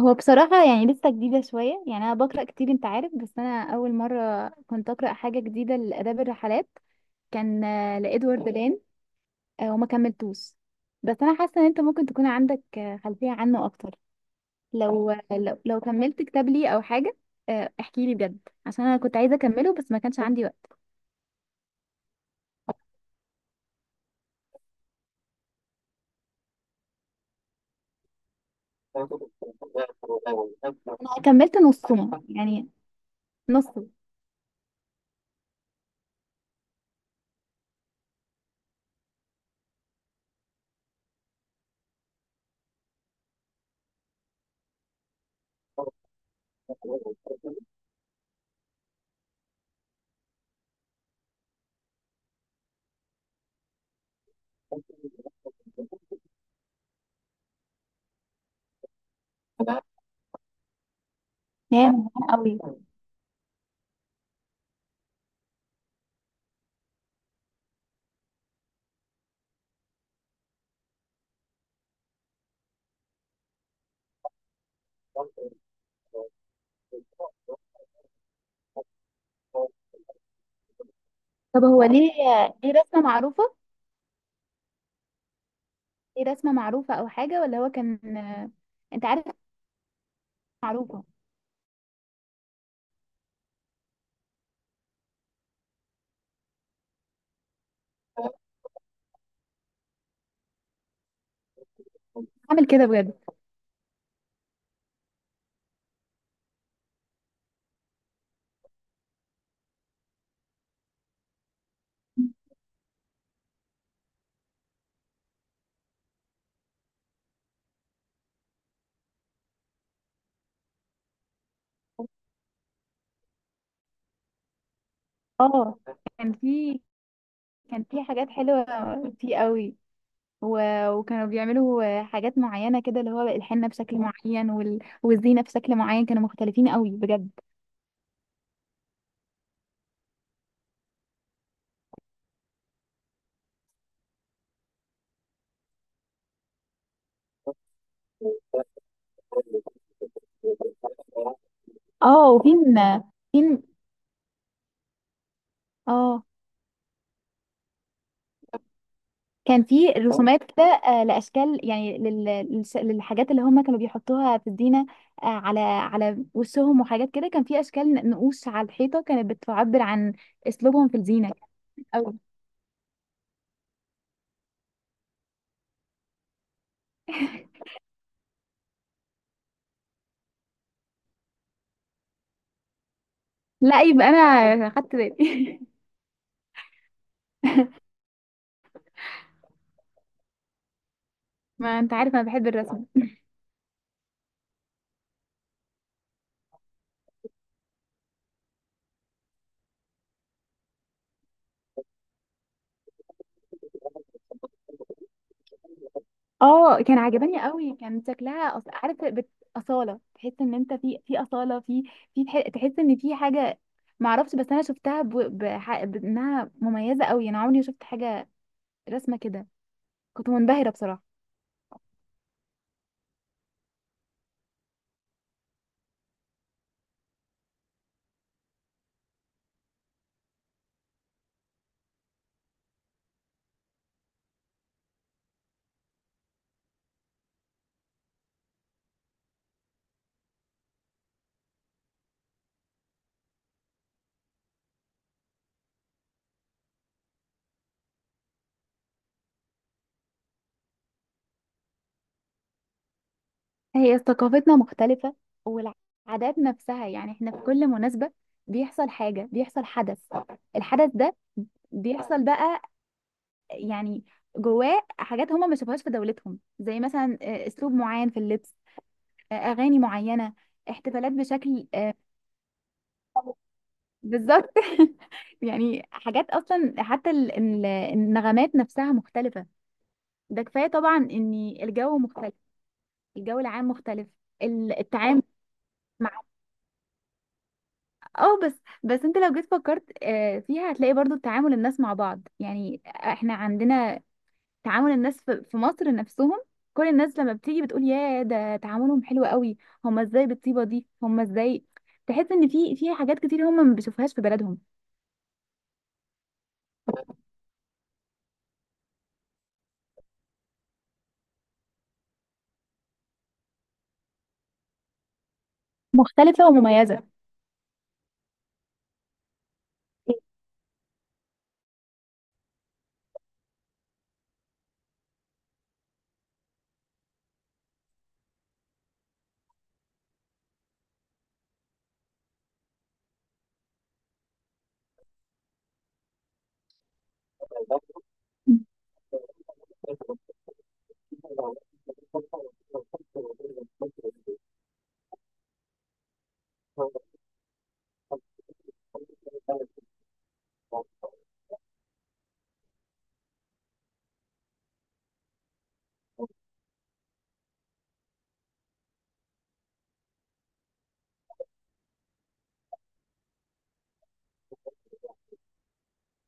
هو بصراحة، يعني لسه جديدة شوية. يعني أنا بقرأ كتير أنت عارف، بس أنا أول مرة كنت أقرأ حاجة جديدة لآداب الرحلات. كان لإدوارد لين. وما كملتوش. بس أنا حاسة إن أنت ممكن تكون عندك خلفية عنه أكتر. لو كملت كتاب لي أو حاجة. احكي لي بجد، عشان أنا كنت عايزة أكمله بس ما كانش عندي وقت. أنا كملت نصه يعني، نصه. هي مهمة قوي. طب هو ليه رسمة معروفة؟ ايه رسمة معروفة او حاجة؟ ولا هو كان انت عارف معروفة؟ عامل كده بجد؟ اه كان في كان في حاجات حلوة فيه قوي. و... وكانوا بيعملوا حاجات معينة كده، اللي هو الحنة بشكل معين والزينة بشكل معين. كانوا مختلفين قوي بجد. اه وفين فين؟ اه كان في اه رسومات كده، لاشكال، يعني للحاجات اللي هم كانوا بيحطوها في الزينه، على وشهم وحاجات كده. كان في اشكال نقوش على الحيطه كانت بتعبر عن اسلوبهم في الزينه. أو لا يبقى انا خدت بالي. ما انت عارف انا بحب الرسم. اه كان عجباني قوي. كان شكلها اصاله. تحس ان انت في اصاله، في تحس ان في حاجه. معرفش، بس انا شفتها بانها مميزه قوي. انا عمري ما شفت حاجه رسمه كده، كنت منبهرة بصراحة. هي ثقافتنا مختلفة، والعادات نفسها. يعني احنا في كل مناسبة بيحصل حاجة، بيحصل حدث. الحدث ده بيحصل بقى، يعني جواه حاجات هما ما شافوهاش في دولتهم، زي مثلا اسلوب معين في اللبس، اغاني معينة، احتفالات بشكل بالظبط. يعني حاجات اصلا، حتى النغمات نفسها مختلفة. ده كفاية طبعا ان الجو مختلف، الجو العام مختلف. التعامل. اه بس. بس انت لو جيت فكرت فيها هتلاقي برضو تعامل الناس مع بعض. يعني احنا عندنا تعامل الناس في مصر نفسهم. كل الناس لما بتيجي بتقول يا ده تعاملهم حلو قوي، هما ازاي بالطيبة دي؟ هما ازاي؟ تحس ان في حاجات كتير هما ما بيشوفوهاش في بلدهم. مختلفة ومميزة.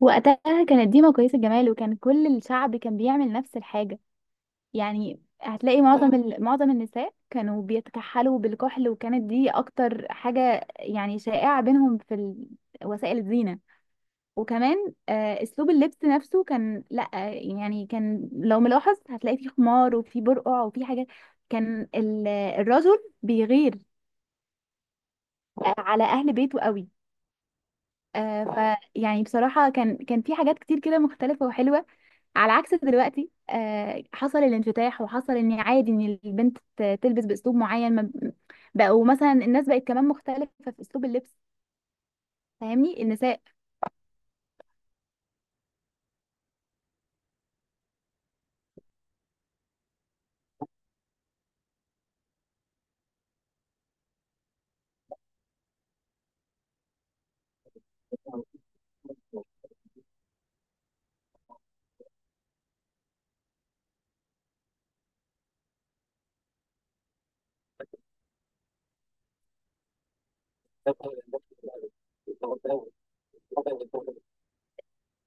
وقتها كانت ديما كويس الجمال، وكان كل الشعب كان بيعمل نفس الحاجة. يعني هتلاقي معظم النساء كانوا بيتكحلوا بالكحل، وكانت دي اكتر حاجة يعني شائعة بينهم في وسائل الزينة. وكمان اسلوب اللبس نفسه كان لا يعني، كان لو ملاحظ هتلاقي فيه خمار وفيه برقع وفيه حاجات. كان الرجل بيغير على اهل بيته قوي. ف يعني بصراحة كان في حاجات كتير كده مختلفة وحلوة، على عكس دلوقتي. حصل الانفتاح، وحصل ان عادي ان البنت تلبس باسلوب معين. بقوا مثلا الناس بقت كمان مختلفة في اسلوب اللبس. فاهمني؟ النساء.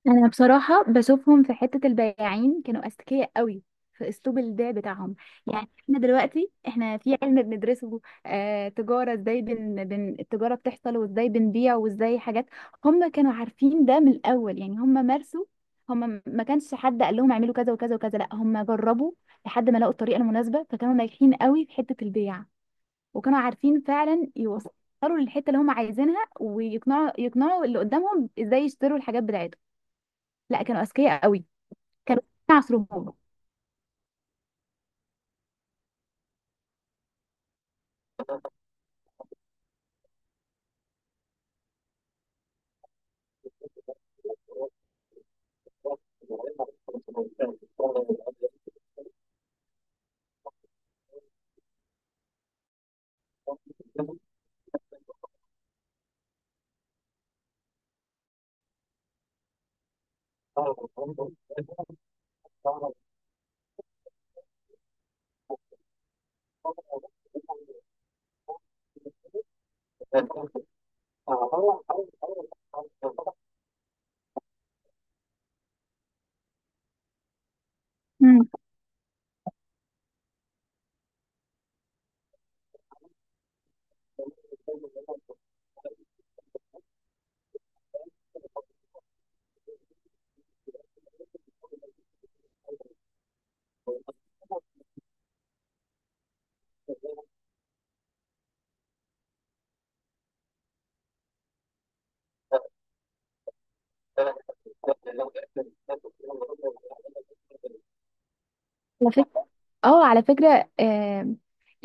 انا بصراحه بشوفهم في حته البياعين كانوا اذكياء قوي في اسلوب البيع بتاعهم. يعني احنا دلوقتي احنا في علم بندرسه آه تجاره، ازاي بن بن التجاره بتحصل، وازاي بنبيع، وازاي حاجات. هم كانوا عارفين ده من الاول، يعني هم مارسوا، هم ما كانش حد قال لهم اعملوا كذا وكذا وكذا، لا هم جربوا لحد ما لقوا الطريقه المناسبه، فكانوا ناجحين قوي في حته البيع. وكانوا عارفين فعلا يوصلوا للحته اللي هم عايزينها، ويقنعوا اللي قدامهم ازاي يشتروا الحاجات بتاعتهم. لا كانوا اذكياء قوي، كانوا عصرهم. امم. على فكرة. اه على فكرة آه،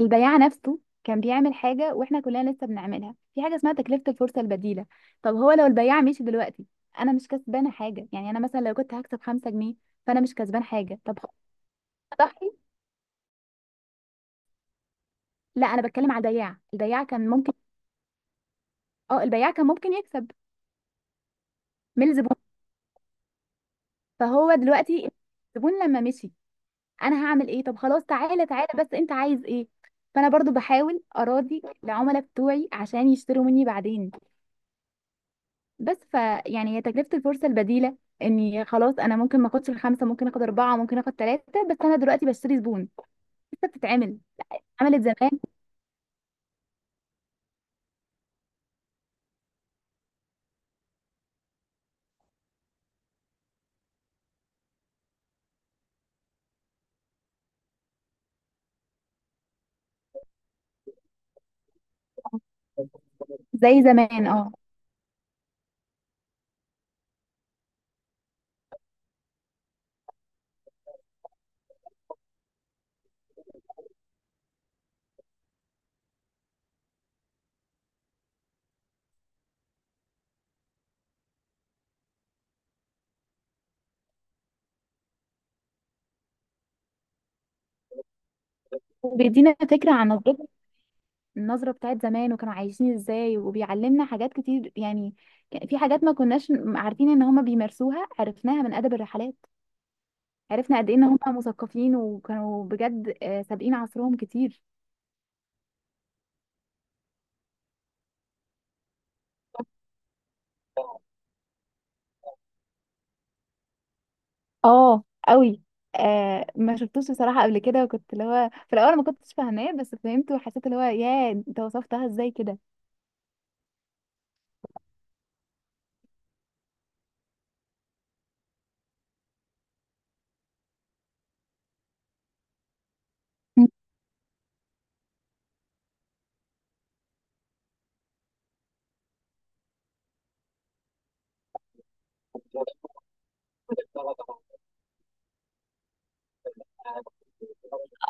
البياع نفسه كان بيعمل حاجة واحنا كلنا لسه بنعملها، في حاجة اسمها تكلفة الفرصة البديلة. طب هو لو البياع مشي دلوقتي انا مش كسبانة حاجة. يعني انا مثلا لو كنت هكسب خمسة جنيه، فانا مش كسبان حاجة. طب هو ضحي. لا انا بتكلم على البياع، البياع كان ممكن. اه البياع كان ممكن يكسب من الزبون. فهو دلوقتي الزبون لما مشي انا هعمل ايه؟ طب خلاص تعالى تعالى بس انت عايز ايه؟ فانا برضو بحاول اراضي العملاء بتوعي عشان يشتروا مني بعدين. بس ف يعني هي تكلفه الفرصه البديله. اني خلاص انا ممكن ما اخدش الخمسه، ممكن اخد اربعه، ممكن اخد ثلاثه، بس انا دلوقتي بشتري زبون. لسه بتتعمل، عملت زمان. زي زمان اه. بيدينا فكره عن نظرتنا، النظره بتاعت زمان وكانوا عايشين ازاي، وبيعلمنا حاجات كتير يعني. في حاجات ما كناش عارفين ان هما بيمارسوها عرفناها من ادب الرحلات. عرفنا قد ايه ان هم مثقفين وكانوا بجد سابقين عصرهم كتير. اه قوي. آه ما شفتوش بصراحة قبل كده، وكنت اللي هو في الأول ما كنتش فاهماه بس فهمته، وحسيت اللي هو ياه انت وصفتها ازاي كده.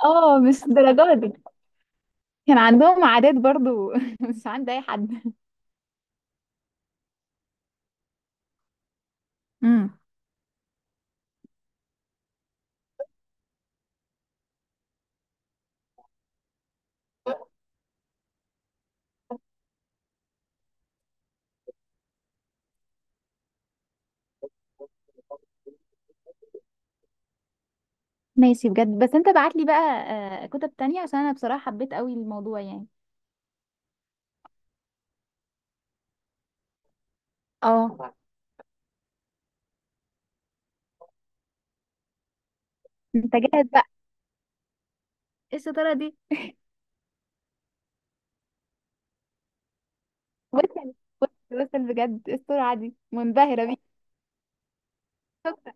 اه مش الدرجات دي. كان عندهم عادات برضو مش عند أي حد. امم. ماشي بجد. بس انت بعت لي بقى كتب تانية، عشان انا بصراحة حبيت قوي الموضوع يعني. اه. انت جاهز بقى؟ ايه الشطارة دي؟ وصل وصل، وصل بجد. ايه السرعة دي؟ منبهرة بيك.